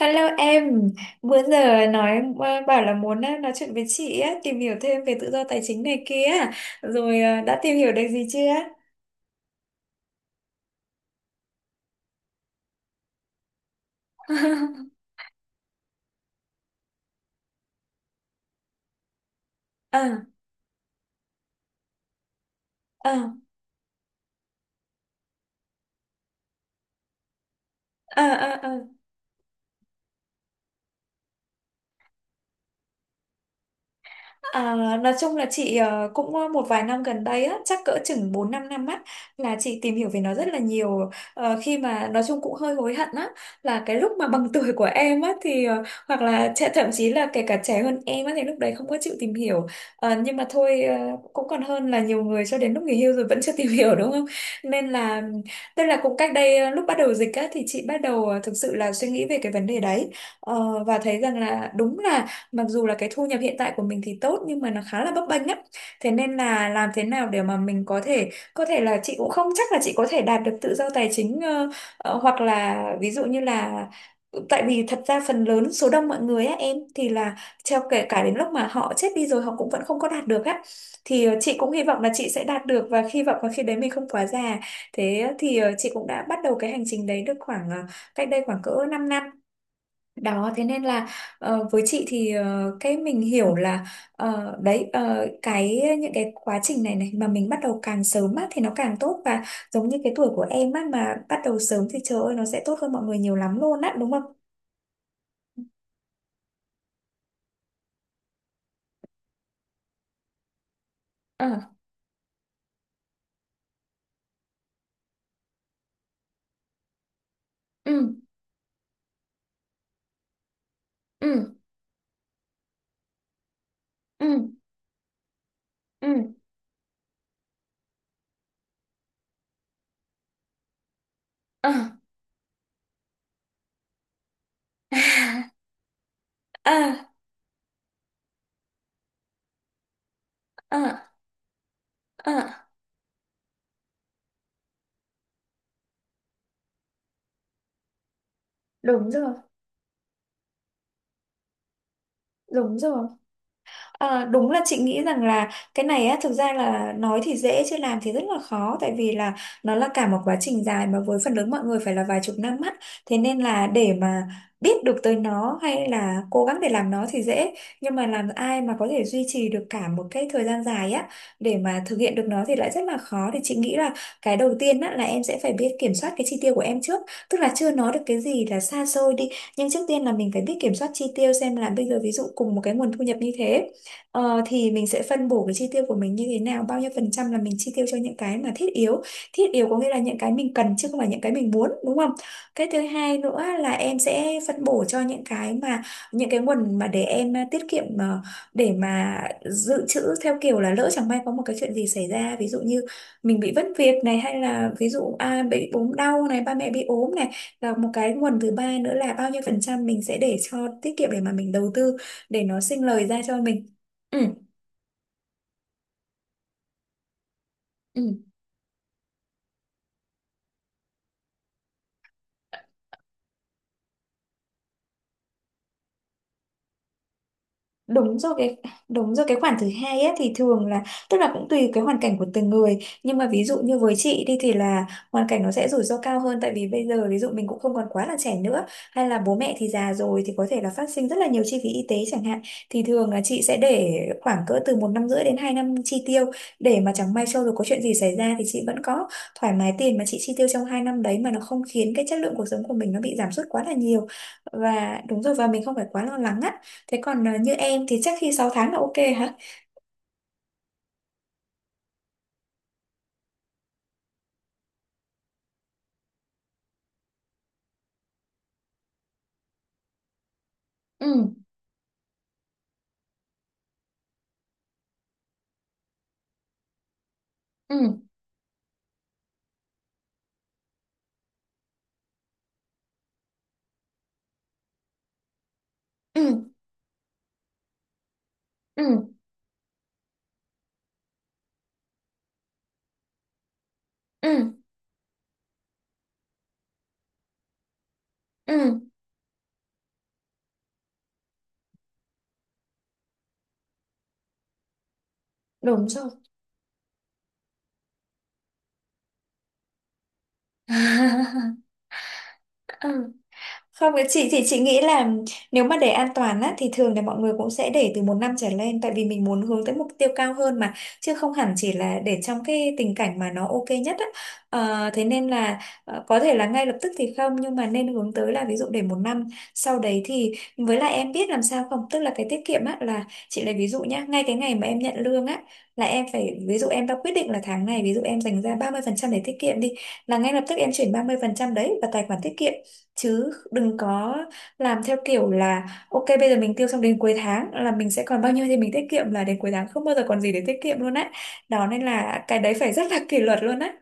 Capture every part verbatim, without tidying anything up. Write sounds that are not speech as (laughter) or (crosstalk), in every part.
Hello em, bữa giờ nói ờ, bảo là muốn ờ, nói chuyện với chị á, tìm hiểu thêm về tự do tài chính này kia, rồi ờ, đã tìm hiểu được gì chưa? (laughs) À, à, à, à, à. À, nói chung là chị ờ, cũng ờ, một vài năm gần đây á, chắc cỡ chừng bốn 5 năm á là chị tìm hiểu về nó rất là nhiều. Ờ, khi mà nói chung cũng hơi hối hận á là cái lúc mà bằng (laughs) tuổi của em á thì ờ, hoặc là trẻ- thậm chí là kể cả trẻ hơn em á thì lúc đấy không có chịu tìm hiểu. Ờ, nhưng mà thôi ờ, cũng còn hơn là nhiều người cho đến lúc nghỉ hưu rồi vẫn chưa (laughs) tìm hiểu, đúng không, nên là tức là cũng cách đây ờ, lúc bắt đầu dịch á thì chị bắt đầu ờ, thực sự là suy nghĩ về cái vấn đề đấy. Ờ, và thấy rằng là đúng là mặc dù là cái thu nhập hiện tại của mình thì tốt nhưng mà nó khá là bấp bênh á, thế nên là làm thế nào để mà mình có thể có thể là chị cũng không chắc là chị có thể đạt được tự do tài chính ờ, ờ, hoặc là ví dụ như là tại vì thật ra phần lớn số đông mọi người á, em thì là theo kể cả đến lúc mà họ chết đi rồi họ cũng vẫn không có đạt được á. Thì ờ, chị cũng hy vọng là chị sẽ đạt được và hy vọng là khi đấy mình không quá già. Thế thì ờ, chị cũng đã bắt đầu cái hành trình đấy được khoảng ờ, cách đây khoảng cỡ 5 năm đó. Thế nên là ờ, với chị thì ờ, cái mình hiểu là ờ, đấy ờ, cái những cái quá trình này này mà mình bắt đầu càng sớm á thì nó càng tốt, và giống như cái tuổi của em á, mà bắt đầu sớm thì trời ơi nó sẽ tốt hơn mọi người nhiều lắm luôn á, đúng không? Ờ, ừ, ừ, ừ, ừ, ờ, à, à, à, đúng rồi, đúng rồi. Ờ, Đúng là chị nghĩ rằng là cái này á, thực ra là nói thì dễ chứ làm thì rất là khó, tại vì là nó là cả một quá trình dài mà với phần lớn mọi người phải là vài chục năm á. Thế nên là để mà biết được tới nó hay là cố gắng để làm nó thì dễ, nhưng mà làm ai mà có thể duy trì được cả một cái thời gian dài á để mà thực hiện được nó thì lại rất là khó. Thì chị nghĩ là cái đầu tiên á là em sẽ phải biết kiểm soát cái chi tiêu của em trước, tức là chưa nói được cái gì là xa xôi đi, nhưng trước tiên là mình phải biết kiểm soát chi tiêu xem là bây giờ ví dụ cùng một cái nguồn thu nhập như thế. Ờ, thì mình sẽ phân bổ cái chi tiêu của mình như thế nào, bao nhiêu phần trăm là mình chi tiêu cho những cái mà thiết yếu. Thiết yếu có nghĩa là những cái mình cần chứ không phải những cái mình muốn, đúng không. Cái thứ hai nữa là em sẽ phân bổ cho những cái mà những cái nguồn mà để em à, tiết kiệm à, để mà dự trữ theo kiểu là lỡ chẳng may có một cái chuyện gì xảy ra, ví dụ như mình bị mất việc này, hay là ví dụ à, bị ốm đau này, ba mẹ bị ốm này. Và một cái nguồn thứ ba nữa là bao nhiêu phần trăm mình sẽ để cho tiết kiệm để mà mình đầu tư, để nó sinh lời ra cho mình. Ừ, ừ. Đúng rồi, cái đúng rồi, cái khoản thứ hai ấy, thì thường là tức là cũng tùy cái hoàn cảnh của từng người, nhưng mà ví dụ như với chị đi thì là hoàn cảnh nó sẽ rủi ro cao hơn tại vì bây giờ ví dụ mình cũng không còn quá là trẻ nữa, hay là bố mẹ thì già rồi thì có thể là phát sinh rất là nhiều chi phí y tế chẳng hạn. Thì thường là chị sẽ để khoảng cỡ từ một năm rưỡi đến hai năm chi tiêu để mà chẳng may sau rồi có chuyện gì xảy ra thì chị vẫn có thoải mái tiền mà chị chi tiêu trong hai năm đấy, mà nó không khiến cái chất lượng cuộc sống của mình nó bị giảm sút quá là nhiều, và đúng rồi và mình không phải quá lo lắng á. Thế còn à, như em thì chắc khi sáu tháng là ok hả? Ừ, ừ, ừ, ừ, ừ, ừ, đúng rồi. (laughs) Ừ. Không, cái chị thì chị nghĩ là nếu mà để an toàn á thì thường là mọi người cũng sẽ để từ một năm trở lên, tại vì mình muốn hướng tới mục tiêu cao hơn mà, chứ không hẳn chỉ là để trong cái tình cảnh mà nó ok nhất á. Ờ, thế nên là ờ, có thể là ngay lập tức thì không, nhưng mà nên hướng tới là ví dụ để một năm. Sau đấy thì với lại em biết làm sao không, tức là cái tiết kiệm á là chị lấy ví dụ nhá, ngay cái ngày mà em nhận lương á là em phải ví dụ em đã quyết định là tháng này ví dụ em dành ra ba mươi phần trăm để tiết kiệm đi, là ngay lập tức em chuyển ba mươi phần trăm đấy vào tài khoản tiết kiệm, chứ đừng có làm theo kiểu là ok bây giờ mình tiêu xong đến cuối tháng là mình sẽ còn bao nhiêu thì mình tiết kiệm, là đến cuối tháng không bao giờ còn gì để tiết kiệm luôn á. Đó nên là cái đấy phải rất là (laughs) kỷ luật luôn á.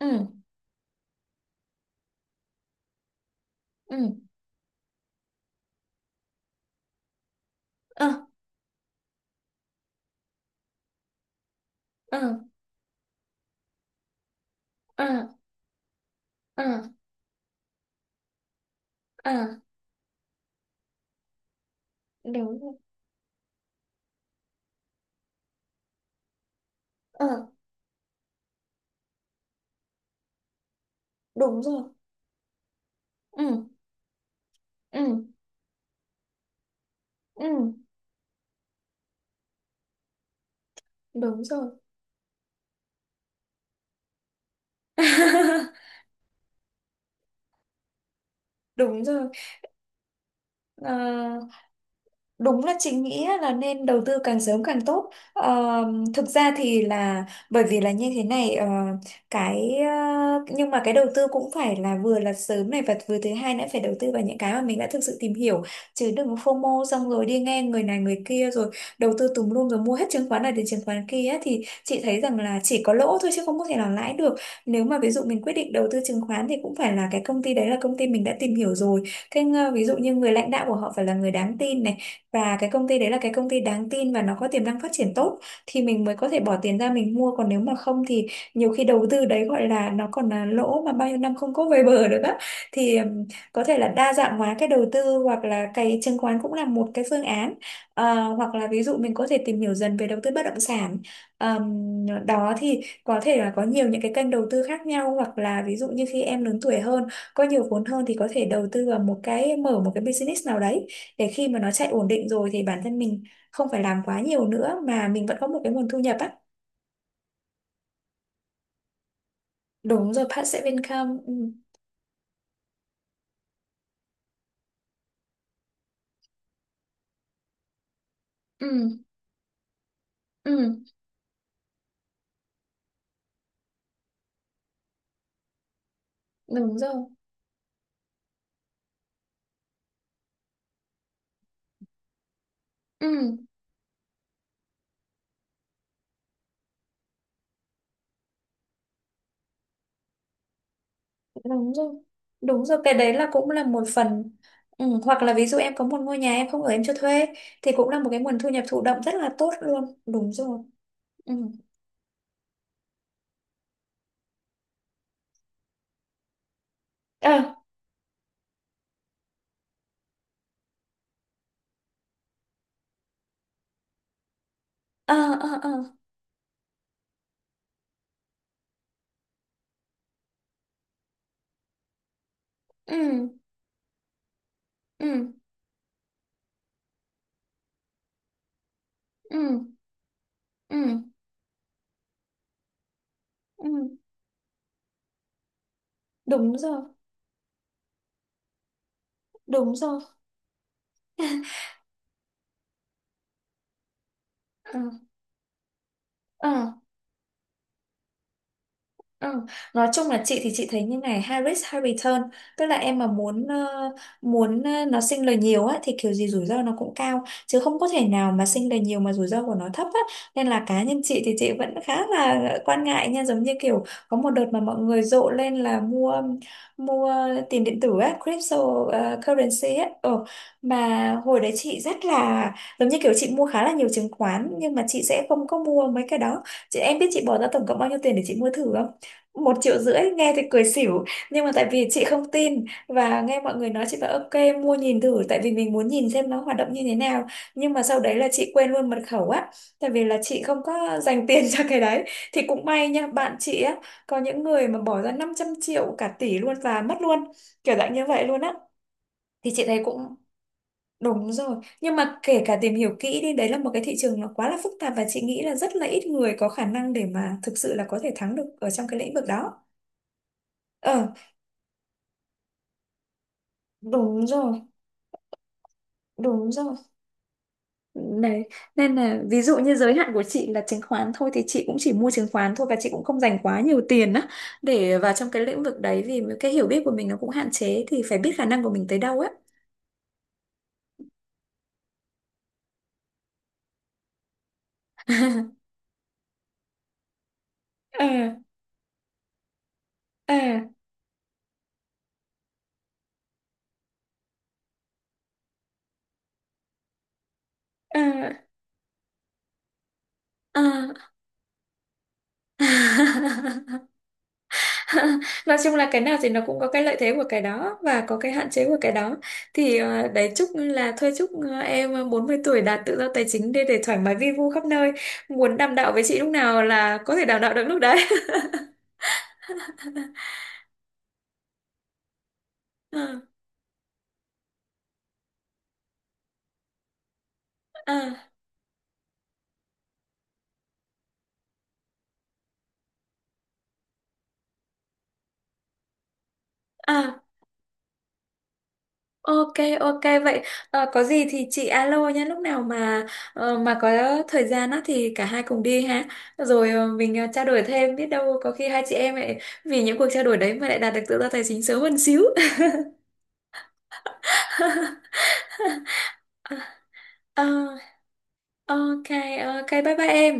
Ừ, ừ, ờ, ờ, ờ, ờ, ờ, đúng rồi, ờ, đúng rồi, ừ, ừ, ừ, đúng rồi. (laughs) Đúng rồi. Ờ, Đúng là chị nghĩ á, là nên đầu tư càng sớm càng tốt. Ờ, Thực ra thì là bởi vì là như thế này ờ, cái ờ, nhưng mà cái đầu tư cũng phải là vừa là sớm này và vừa thứ hai nữa phải đầu tư vào những cái mà mình đã thực sự tìm hiểu, chứ đừng FOMO xong rồi đi nghe người này người kia rồi đầu tư tùm lum, rồi mua hết chứng khoán này đến chứng khoán kia á, thì chị thấy rằng là chỉ có lỗ thôi chứ không có thể nào lãi được. Nếu mà ví dụ mình quyết định đầu tư chứng khoán thì cũng phải là cái công ty đấy là công ty mình đã tìm hiểu rồi. Cái ờ, ví dụ như người lãnh đạo của họ phải là người đáng tin này, và cái công ty đấy là cái công ty đáng tin và nó có tiềm năng phát triển tốt thì mình mới có thể bỏ tiền ra mình mua, còn nếu mà không thì nhiều khi đầu tư đấy gọi là nó còn là lỗ mà bao nhiêu năm không có về bờ được á. Thì ừm, có thể là đa dạng hóa cái đầu tư hoặc là cái chứng khoán cũng là một cái phương án. Ờ, hoặc là ví dụ mình có thể tìm hiểu dần về đầu tư bất động sản. Ờm, đó thì có thể là có nhiều những cái kênh đầu tư khác nhau, hoặc là ví dụ như khi em lớn tuổi hơn có nhiều vốn hơn thì có thể đầu tư vào một cái mở một cái business nào đấy, để khi mà nó chạy ổn định rồi thì bản thân mình không phải làm quá nhiều nữa mà mình vẫn có một cái nguồn thu nhập á. Đúng rồi, passive income, ừ. Ừ. Ừ. Đúng rồi, ừ. Đúng rồi, đúng rồi, cái đấy là cũng là một phần, ừ. Hoặc là ví dụ em có một ngôi nhà em không ở em cho thuê thì cũng là một cái nguồn thu nhập thụ động rất là tốt luôn, đúng rồi, ừ, ờ, ờ, ờ, ờ, ừ, ừ, ừ, ừ, ừ, đúng rồi, đúng rồi, ờ, ờ. Ừ. Nói chung là chị thì chị thấy như này, high risk high return, tức là em mà muốn ờ, muốn ờ, nó sinh lời nhiều á thì kiểu gì rủi ro nó cũng cao, chứ không có thể nào mà sinh lời nhiều mà rủi ro của nó thấp á. Nên là cá nhân chị thì chị vẫn khá là quan ngại nha, giống như kiểu có một đợt mà mọi người rộ lên là mua mua tiền điện tử á, crypto, ờ, currency á, ừ. Mà hồi đấy chị rất là, giống như kiểu chị mua khá là nhiều chứng khoán nhưng mà chị sẽ không có mua mấy cái đó. Chị em biết chị bỏ ra tổng cộng bao nhiêu tiền để chị mua thử không? Một triệu rưỡi, nghe thì cười xỉu, nhưng mà tại vì chị không tin và nghe mọi người nói, chị bảo ok mua nhìn thử, tại vì mình muốn nhìn xem nó hoạt động như thế nào. Nhưng mà sau đấy là chị quên luôn mật khẩu á, tại vì là chị không có dành tiền (laughs) cho cái đấy. Thì cũng may nha, bạn chị á có những người mà bỏ ra năm trăm triệu, cả tỷ luôn và mất luôn, kiểu dạng như vậy luôn á. Thì chị thấy cũng đúng rồi, nhưng mà kể cả tìm hiểu kỹ đi, đấy là một cái thị trường nó quá là phức tạp và chị nghĩ là rất là ít người có khả năng để mà thực sự là có thể thắng được ở trong cái lĩnh vực đó. Ờ, đúng rồi, đúng rồi. Đấy, nên là ví dụ như giới hạn của chị là chứng khoán thôi thì chị cũng chỉ mua chứng khoán thôi, và chị cũng không dành quá nhiều tiền á để vào trong cái lĩnh vực đấy, vì cái hiểu biết của mình nó cũng hạn chế thì phải biết khả năng của mình tới đâu á. (laughs) Ờ, ờ, ờ, à. (laughs) (laughs) Nói chung là cái nào thì nó cũng có cái lợi thế của cái đó và có cái hạn chế của cái đó. Thì ờ, đấy, chúc là thôi chúc ờ, em ờ, bốn mươi tuổi đạt tự do tài chính, để để thoải mái vi vu khắp nơi, muốn đàm đạo với chị lúc nào là có thể đàm đạo được lúc đấy. (laughs) À, à, à. Ok, ok vậy, ờ, có gì thì chị alo nhé, lúc nào mà ờ, mà có thời gian á thì cả hai cùng đi ha. Rồi ờ, mình ờ, trao đổi thêm, biết đâu có khi hai chị em lại vì những cuộc trao đổi đấy mà lại đạt được tự do tài chính sớm hơn xíu. (laughs) Ờ, ok, ok, bye bye em.